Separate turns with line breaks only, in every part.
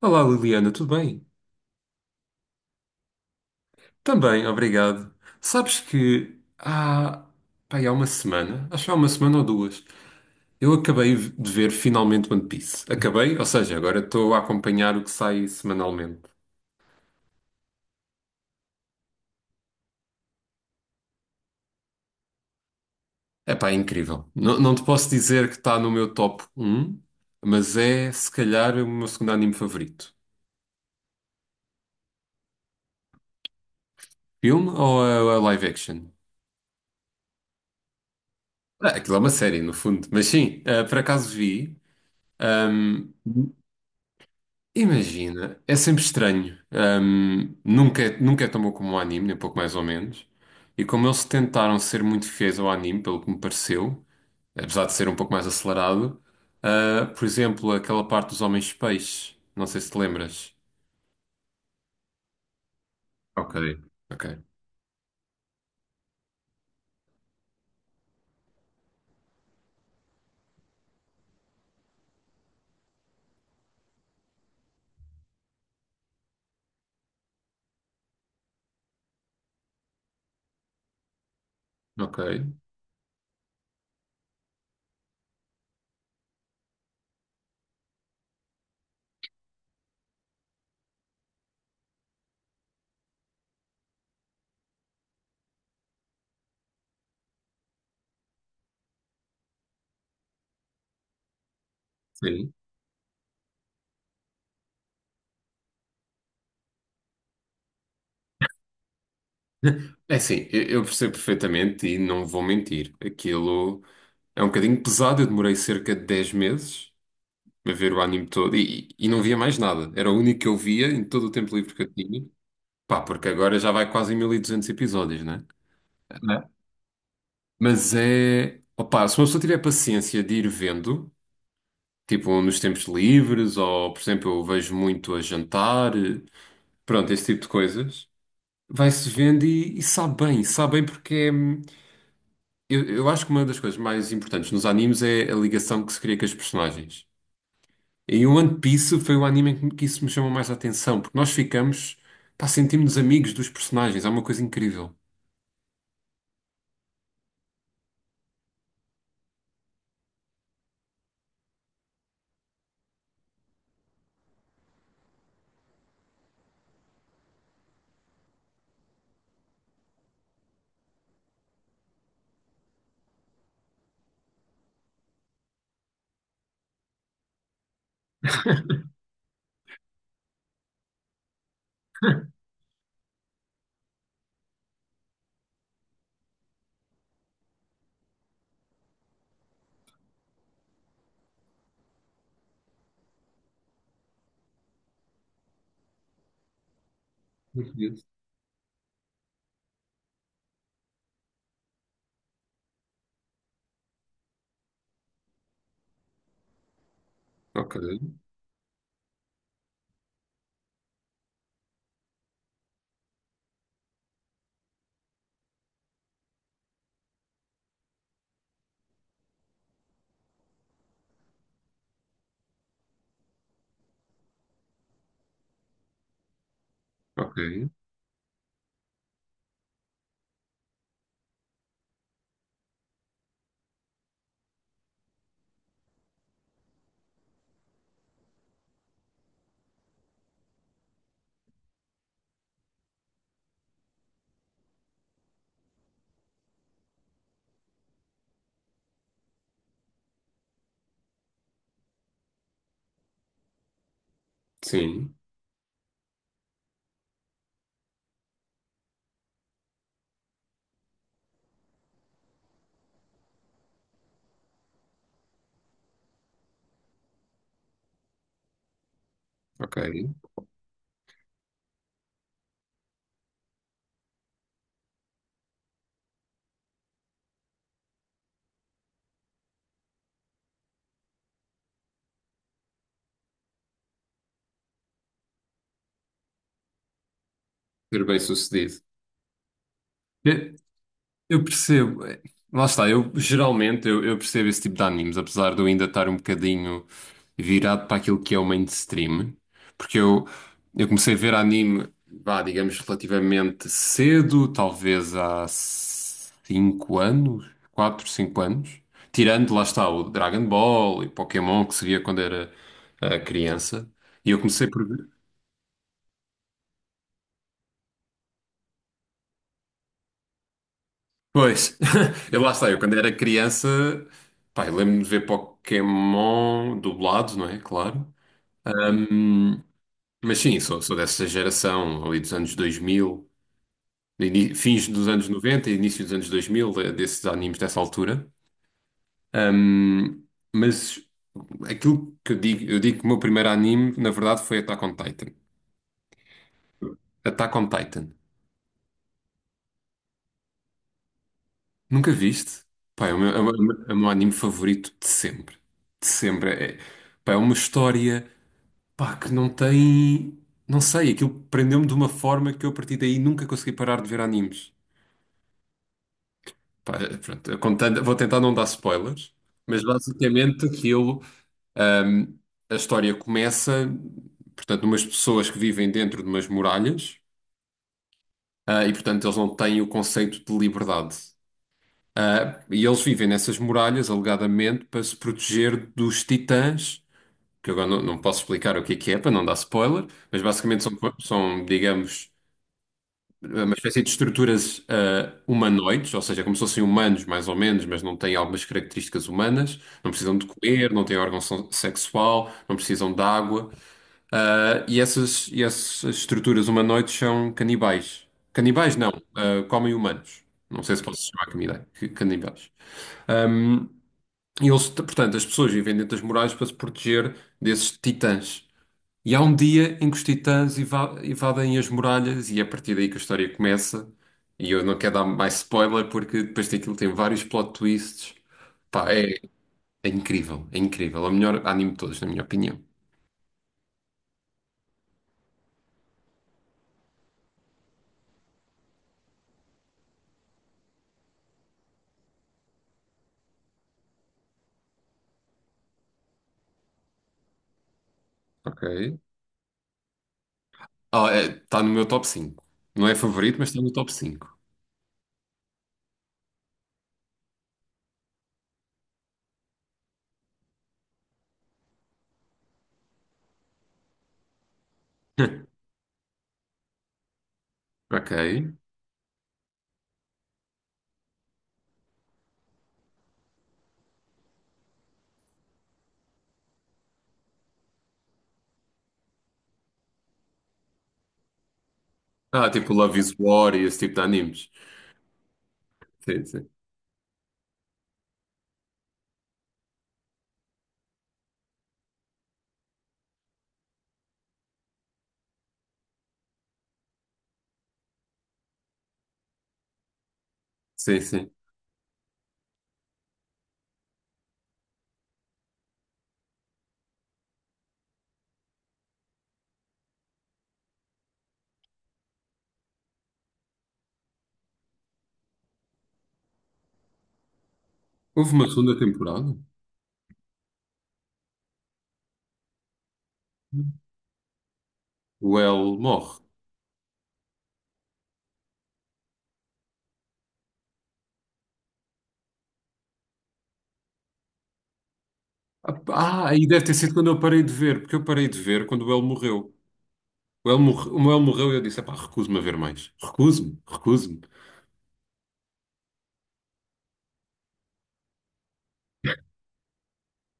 Olá Liliana, tudo bem? Também, obrigado. Sabes que há, pá, Há uma semana, acho que há uma semana ou duas, eu acabei de ver finalmente One Piece. Acabei, ou seja, agora estou a acompanhar o que sai semanalmente. É pá, é incrível. Não te posso dizer que está no meu top um, mas é se calhar o meu segundo anime favorito. Filme ou a live action? Ah, aquilo é uma série, no fundo. Mas sim, ah, por acaso vi. ehm, Imagina, é sempre estranho. Nunca é tão bom como o anime, nem pouco mais ou menos. E como eles tentaram ser muito fiéis ao anime, pelo que me pareceu, apesar de ser um pouco mais acelerado, ah, por exemplo, aquela parte dos homens peixes, não sei se te lembras. Ok. Ok, ok, sim. É assim, eu percebo perfeitamente e não vou mentir. Aquilo é um bocadinho pesado. Eu demorei cerca de 10 meses a ver o anime todo e não via mais nada. Era o único que eu via em todo o tempo livre que eu tinha. Pá, porque agora já vai quase em 1200 episódios, né? Né? Mas é. Opá, se uma pessoa tiver paciência de ir vendo, tipo nos tempos livres, ou por exemplo, eu vejo muito a jantar, pronto, esse tipo de coisas, vai-se vendo e sabe bem porque é. Eu acho que uma das coisas mais importantes nos animes é a ligação que se cria com os personagens. E o One Piece foi o anime em que isso me chamou mais a atenção, porque nós ficamos, pá, sentimos-nos amigos dos personagens, é uma coisa incrível. Muito ok, ok. Sim, ok. Ser bem-sucedido. Eu, eu percebo. Lá está, eu geralmente eu percebo esse tipo de animes, apesar de eu ainda estar um bocadinho virado para aquilo que é o mainstream, porque eu comecei a ver anime, vá, digamos, relativamente cedo, talvez há 5 anos, 4 5 anos, tirando lá está o Dragon Ball e Pokémon que se via quando era criança, e eu comecei por. Pois, eu lá sei, eu quando era criança, pá, eu lembro-me de ver Pokémon dublado, não é? Claro. Ahm, mas sim, sou dessa geração ali dos anos 2000, fins dos anos 90 e início dos anos 2000, desses animes dessa altura. Ahm, mas aquilo que eu digo que o meu primeiro anime, na verdade, foi Attack on Titan. Attack on Titan. Nunca viste? Pá, é o meu anime favorito de sempre. De sempre. É, pá, é uma história. Pá, que não tem. Não sei, aquilo prendeu-me de uma forma que eu a partir daí nunca consegui parar de ver animes. Pá, pronto, vou tentar não dar spoilers, mas basicamente aquilo. ahm, a história começa, portanto, numas pessoas que vivem dentro de umas muralhas, ah, e portanto eles não têm o conceito de liberdade. Ah, e eles vivem nessas muralhas, alegadamente, para se proteger dos titãs, que agora não posso explicar o que é, para não dar spoiler, mas basicamente são, são, digamos uma espécie de estruturas ah, humanoides, ou seja, como se fossem humanos mais ou menos, mas não têm algumas características humanas, não precisam de comer, não têm sexual, não precisam de água, ah, e essas estruturas humanoides são canibais. Canibais não, ah, comem humanos. Não sei se posso chamar canibais. Canibais. Ahm, e eles, portanto, as pessoas vivem dentro das muralhas para se proteger desses titãs. E há um dia em que os titãs evadem as muralhas e é a partir daí que a história começa. E eu não quero dar mais spoiler porque depois daquilo tem vários plot twists. Pá, é, é incrível, é incrível. É o melhor anime de todos, na minha opinião. Ok. Ah, está no meu top cinco. Não é favorito, mas está no top 5. Ok. Ah, tipo Love is War e esse tipo de animes. Sim, sim. Sim, sim. Houve uma segunda temporada? O El morre. Ah, e deve ter sido quando eu parei de ver, porque eu parei de ver quando o El morreu. O El morreu e eu disse: pá, recuso-me a ver mais. Recuso-me, recuso-me.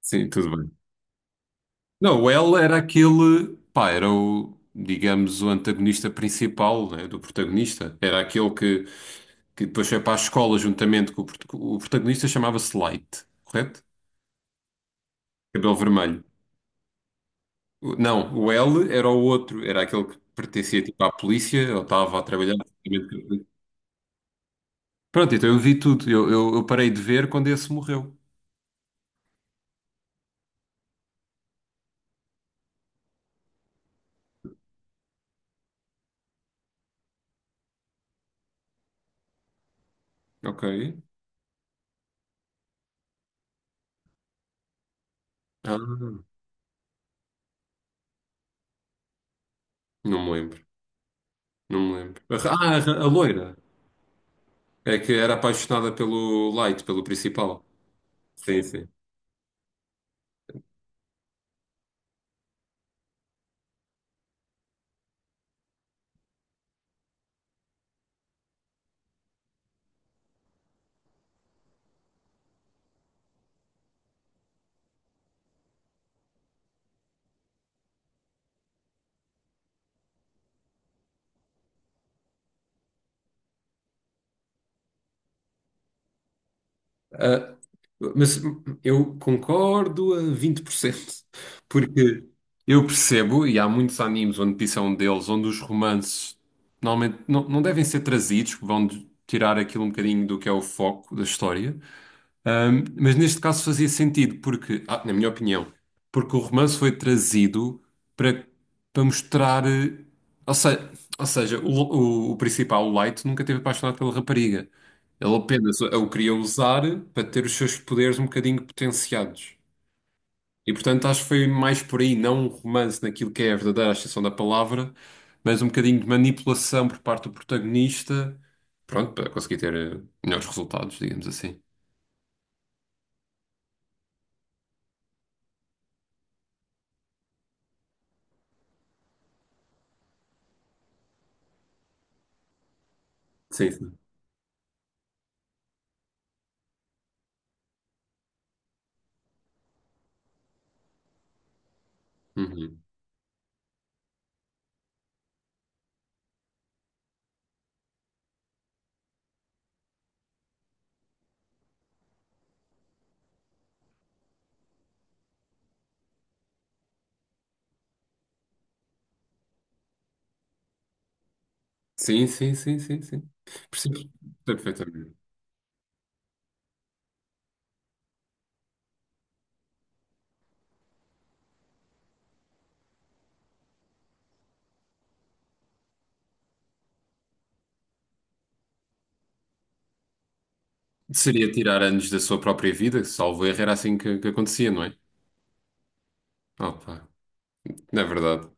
Sim, tudo bem. Não, o El era aquele, pá, era o, digamos, o antagonista principal, né, do protagonista. Era aquele que depois foi para a escola juntamente com o, o protagonista, chamava-se Light, correto? Cabelo vermelho. Não, o El era o outro, era aquele que pertencia tipo à polícia, ou estava a trabalhar. Pronto, então eu vi tudo. Eu parei de ver quando esse morreu. Ok. Ah, não me lembro. Não me lembro. Ah, a loira. É que era apaixonada pelo Light, pelo principal. Sim, sim. Ah, mas eu concordo a 20%. Porque eu percebo, e há muitos animes onde isso é um deles, onde os romances normalmente não devem ser trazidos, tirar aquilo um bocadinho do que é o foco da história. Mas neste caso fazia sentido, porque, ah, na minha opinião, porque o romance foi trazido para, para mostrar. Ou seja, ou seja o, o principal, o Light, nunca teve apaixonado pela rapariga. Ele apenas a o queria usar para ter os seus poderes um bocadinho potenciados. E portanto acho que foi mais por aí, não um romance naquilo que é a verdadeira extensão da palavra, mas um bocadinho de manipulação por parte do protagonista, pronto, para conseguir ter melhores resultados, digamos assim. Sim, sim. Uhum. Sim, sim, sim, sim, sim. Percebo perfeitamente. Seria tirar anos da sua própria vida, salvo erro, era assim que acontecia, não é? Opa, não é verdade.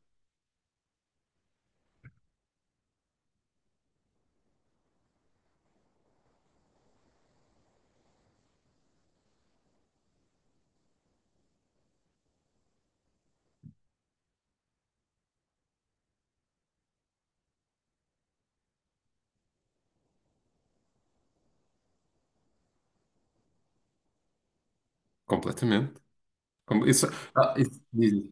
Completamente. Isso, ah,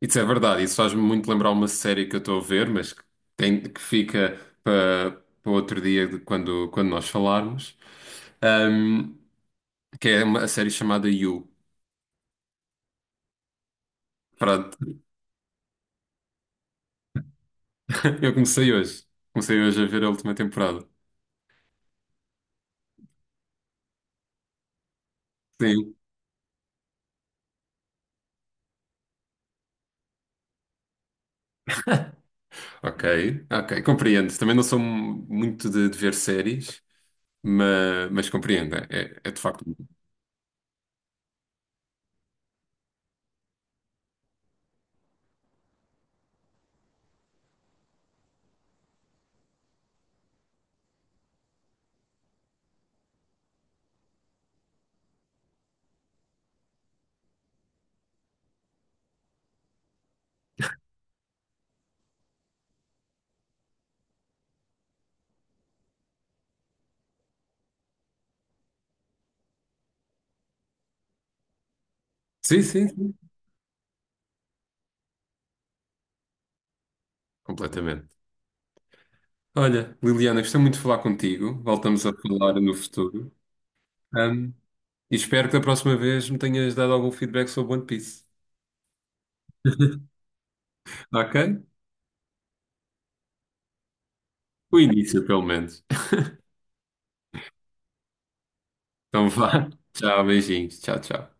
isso é verdade. Isso faz-me muito lembrar uma série que eu estou a ver, mas que, tem, que fica para, para outro dia de quando nós falarmos. Ahm, que é uma a série chamada You. Pronto. Eu comecei hoje. Comecei hoje a ver a última temporada. Sim. Ok, ok, compreendo. Também não sou muito de ver séries, mas compreendo. É, é é de facto. Sim, sim, sim, completamente. Olha, Liliana, gostei muito de falar contigo. Voltamos a falar no futuro. Ahm, e espero que da próxima vez me tenhas dado algum feedback sobre One Piece. Ok? O início, pelo menos. Então vá. Tchau, beijinhos. Tchau, tchau.